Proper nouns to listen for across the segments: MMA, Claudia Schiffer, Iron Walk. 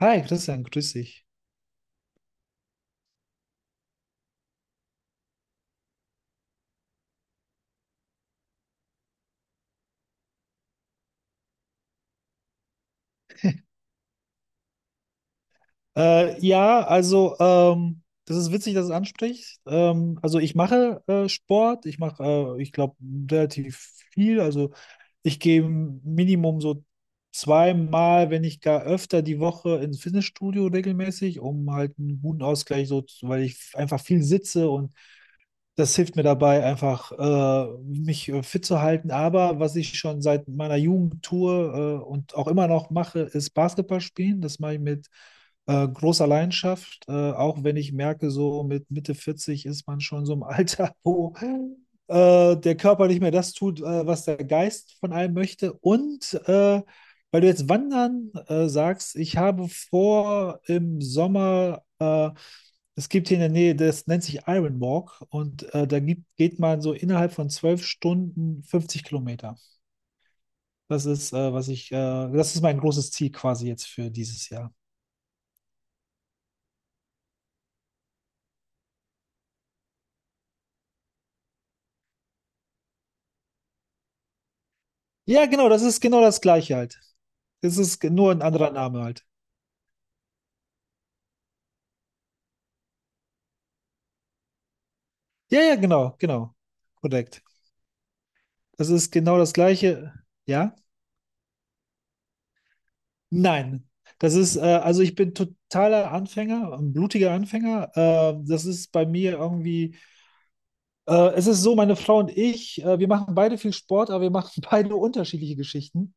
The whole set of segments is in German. Hi Christian, grüß dich. Ja, also das ist witzig, dass du es ansprichst. Also ich mache Sport, ich mache, ich glaube, relativ viel. Also ich gehe Minimum so zweimal, wenn nicht gar öfter die Woche ins Fitnessstudio regelmäßig, um halt einen guten Ausgleich so, weil ich einfach viel sitze und das hilft mir dabei, einfach mich fit zu halten. Aber was ich schon seit meiner Jugend tue und auch immer noch mache, ist Basketball spielen. Das mache ich mit großer Leidenschaft, auch wenn ich merke, so mit Mitte 40 ist man schon so im Alter, wo der Körper nicht mehr das tut, was der Geist von einem möchte. Und, weil du jetzt Wandern sagst, ich habe vor, im Sommer es gibt hier in der Nähe, das nennt sich Iron Walk und da geht man so innerhalb von 12 Stunden 50 Kilometer. Das ist, was ich, das ist mein großes Ziel quasi jetzt für dieses Jahr. Ja, genau, das ist genau das gleiche halt. Das ist nur ein anderer Name halt. Ja, ja, genau, genau. Korrekt. Das ist genau das gleiche. Ja? Nein. Das ist, also ich bin totaler Anfänger, ein blutiger Anfänger. Das ist bei mir irgendwie. Es ist so, meine Frau und ich, wir machen beide viel Sport, aber wir machen beide unterschiedliche Geschichten.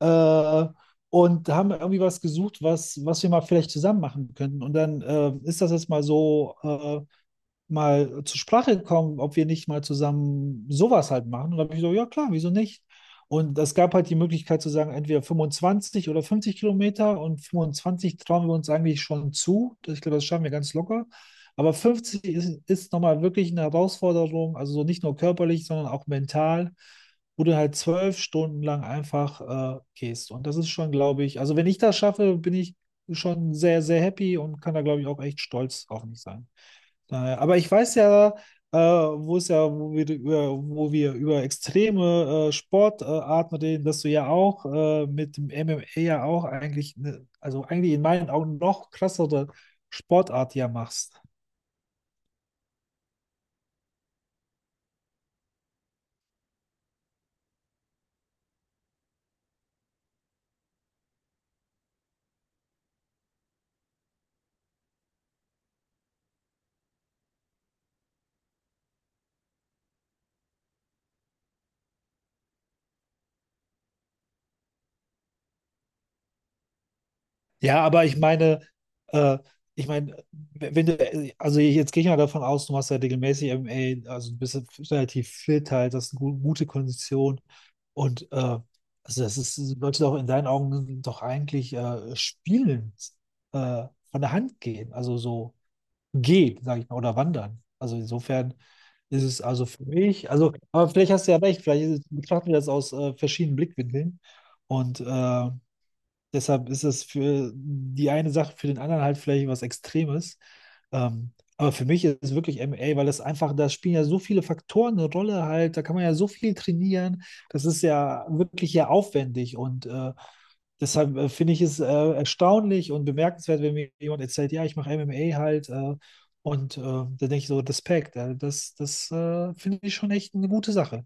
Äh, und haben irgendwie was gesucht, was, was wir mal vielleicht zusammen machen könnten. Und dann ist das jetzt mal so, mal zur Sprache gekommen, ob wir nicht mal zusammen sowas halt machen. Und da habe ich so, ja klar, wieso nicht? Und es gab halt die Möglichkeit zu sagen, entweder 25 oder 50 Kilometer und 25 trauen wir uns eigentlich schon zu. Ich glaube, das schaffen wir ganz locker. Aber 50 ist, ist nochmal wirklich eine Herausforderung, also so nicht nur körperlich, sondern auch mental, wo du halt 12 Stunden lang einfach gehst. Und das ist schon, glaube ich, also wenn ich das schaffe, bin ich schon sehr, sehr happy und kann da, glaube ich, auch echt stolz auf mich sein. Daher, aber ich weiß ja, wo wir wo wir über extreme Sportarten reden, dass du ja auch mit dem MMA ja auch eigentlich, ne, also eigentlich in meinen Augen noch krassere Sportart ja machst. Ja, aber ich meine, äh, ich meine, wenn du, also jetzt gehe ich mal davon aus, du machst ja regelmäßig MMA, also du bist ja relativ fit halt, das ist eine gute Kondition und also das ist, sollte doch in deinen Augen doch eigentlich spielen äh, von der Hand gehen, also so gehen, sage ich mal, oder wandern. Also insofern ist es also für mich, also, aber vielleicht hast du ja recht, vielleicht ist betrachten wir das aus verschiedenen Blickwinkeln und deshalb ist es für die eine Sache, für den anderen halt vielleicht was Extremes. Aber für mich ist es wirklich MA, weil das einfach, da spielen ja so viele Faktoren eine Rolle halt, da kann man ja so viel trainieren. Das ist ja wirklich ja aufwendig und deshalb finde ich es erstaunlich und bemerkenswert, wenn mir jemand erzählt, ja, ich mache MMA halt. Und da denke ich so, Respekt, das finde ich schon echt eine gute Sache.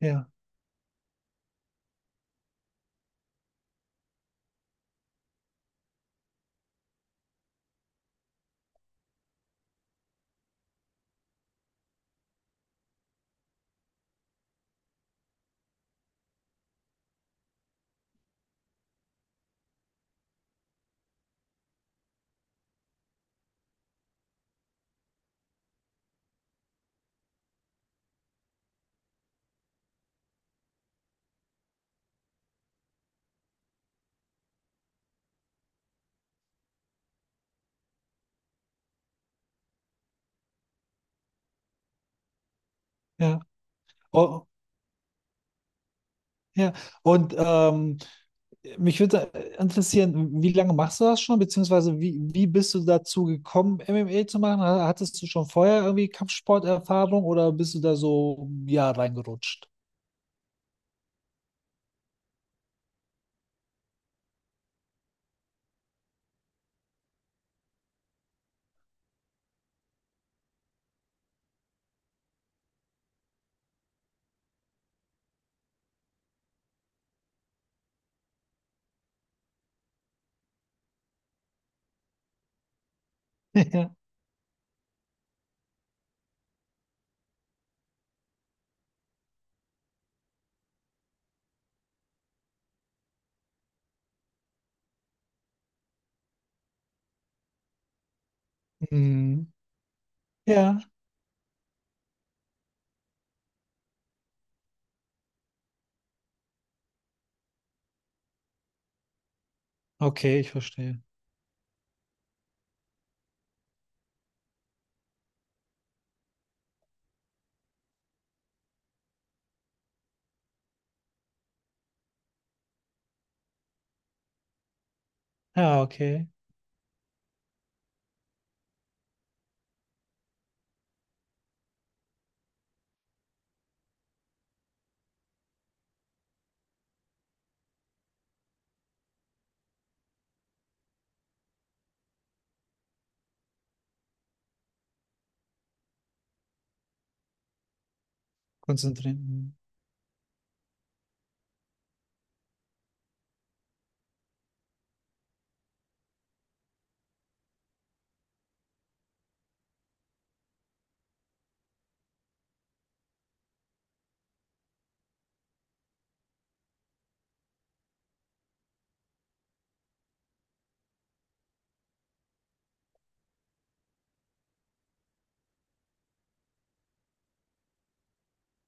Ja, ja. Oh, ja. Und mich würde interessieren, wie lange machst du das schon, beziehungsweise wie bist du dazu gekommen, MMA zu machen? Hattest du schon vorher irgendwie Kampfsporterfahrung oder bist du da so, ja, reingerutscht? Ja. Mhm. Ja, okay, ich verstehe. Ja, okay, konzentrieren. Mhm.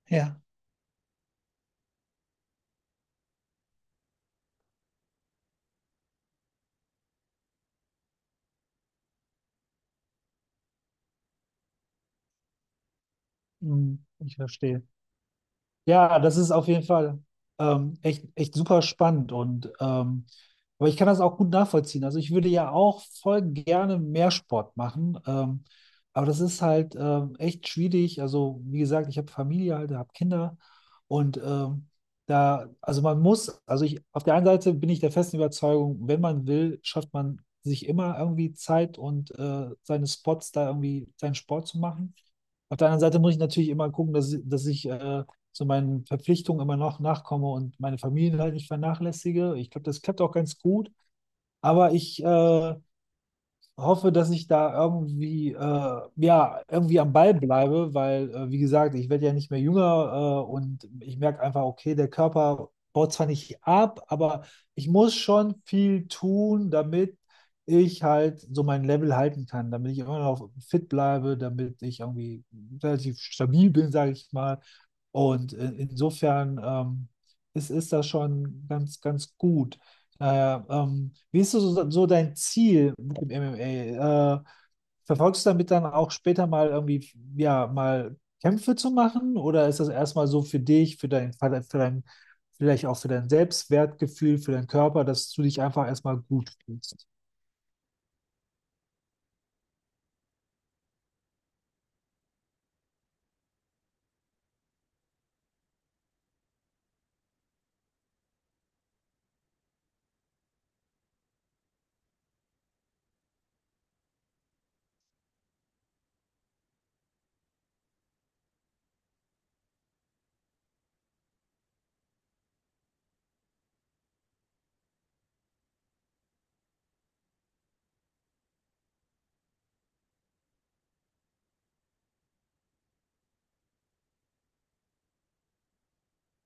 Ja, mhm, ich verstehe. Ja, das ist auf jeden Fall echt, echt super spannend und aber ich kann das auch gut nachvollziehen. Also ich würde ja auch voll gerne mehr Sport machen, aber das ist halt echt schwierig. Also wie gesagt, ich habe Familie halt, habe Kinder und da, also man muss, ich auf der einen Seite bin ich der festen Überzeugung, wenn man will, schafft man sich immer irgendwie Zeit und seine Spots da irgendwie seinen Sport zu machen. Auf der anderen Seite muss ich natürlich immer gucken, dass ich so meinen Verpflichtungen immer noch nachkomme und meine Familie halt nicht vernachlässige. Ich glaube, das klappt auch ganz gut. Aber ich hoffe, dass ich da irgendwie, ja, irgendwie am Ball bleibe, weil, wie gesagt, ich werde ja nicht mehr jünger, und ich merke einfach, okay, der Körper baut zwar nicht ab, aber ich muss schon viel tun, damit ich halt so mein Level halten kann, damit ich immer noch fit bleibe, damit ich irgendwie relativ stabil bin, sage ich mal. Und insofern, ist das schon ganz, ganz gut. Wie ist so, so dein Ziel mit dem MMA? Verfolgst du damit dann auch später mal irgendwie, ja, mal Kämpfe zu machen? Oder ist das erstmal so für dich, vielleicht auch für dein Selbstwertgefühl, für deinen Körper, dass du dich einfach erstmal gut fühlst?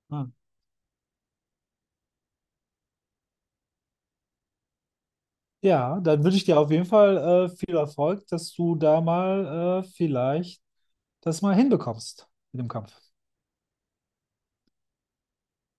Hm. Ja, dann wünsche ich dir auf jeden Fall viel Erfolg, dass du da mal vielleicht das mal hinbekommst mit dem Kampf.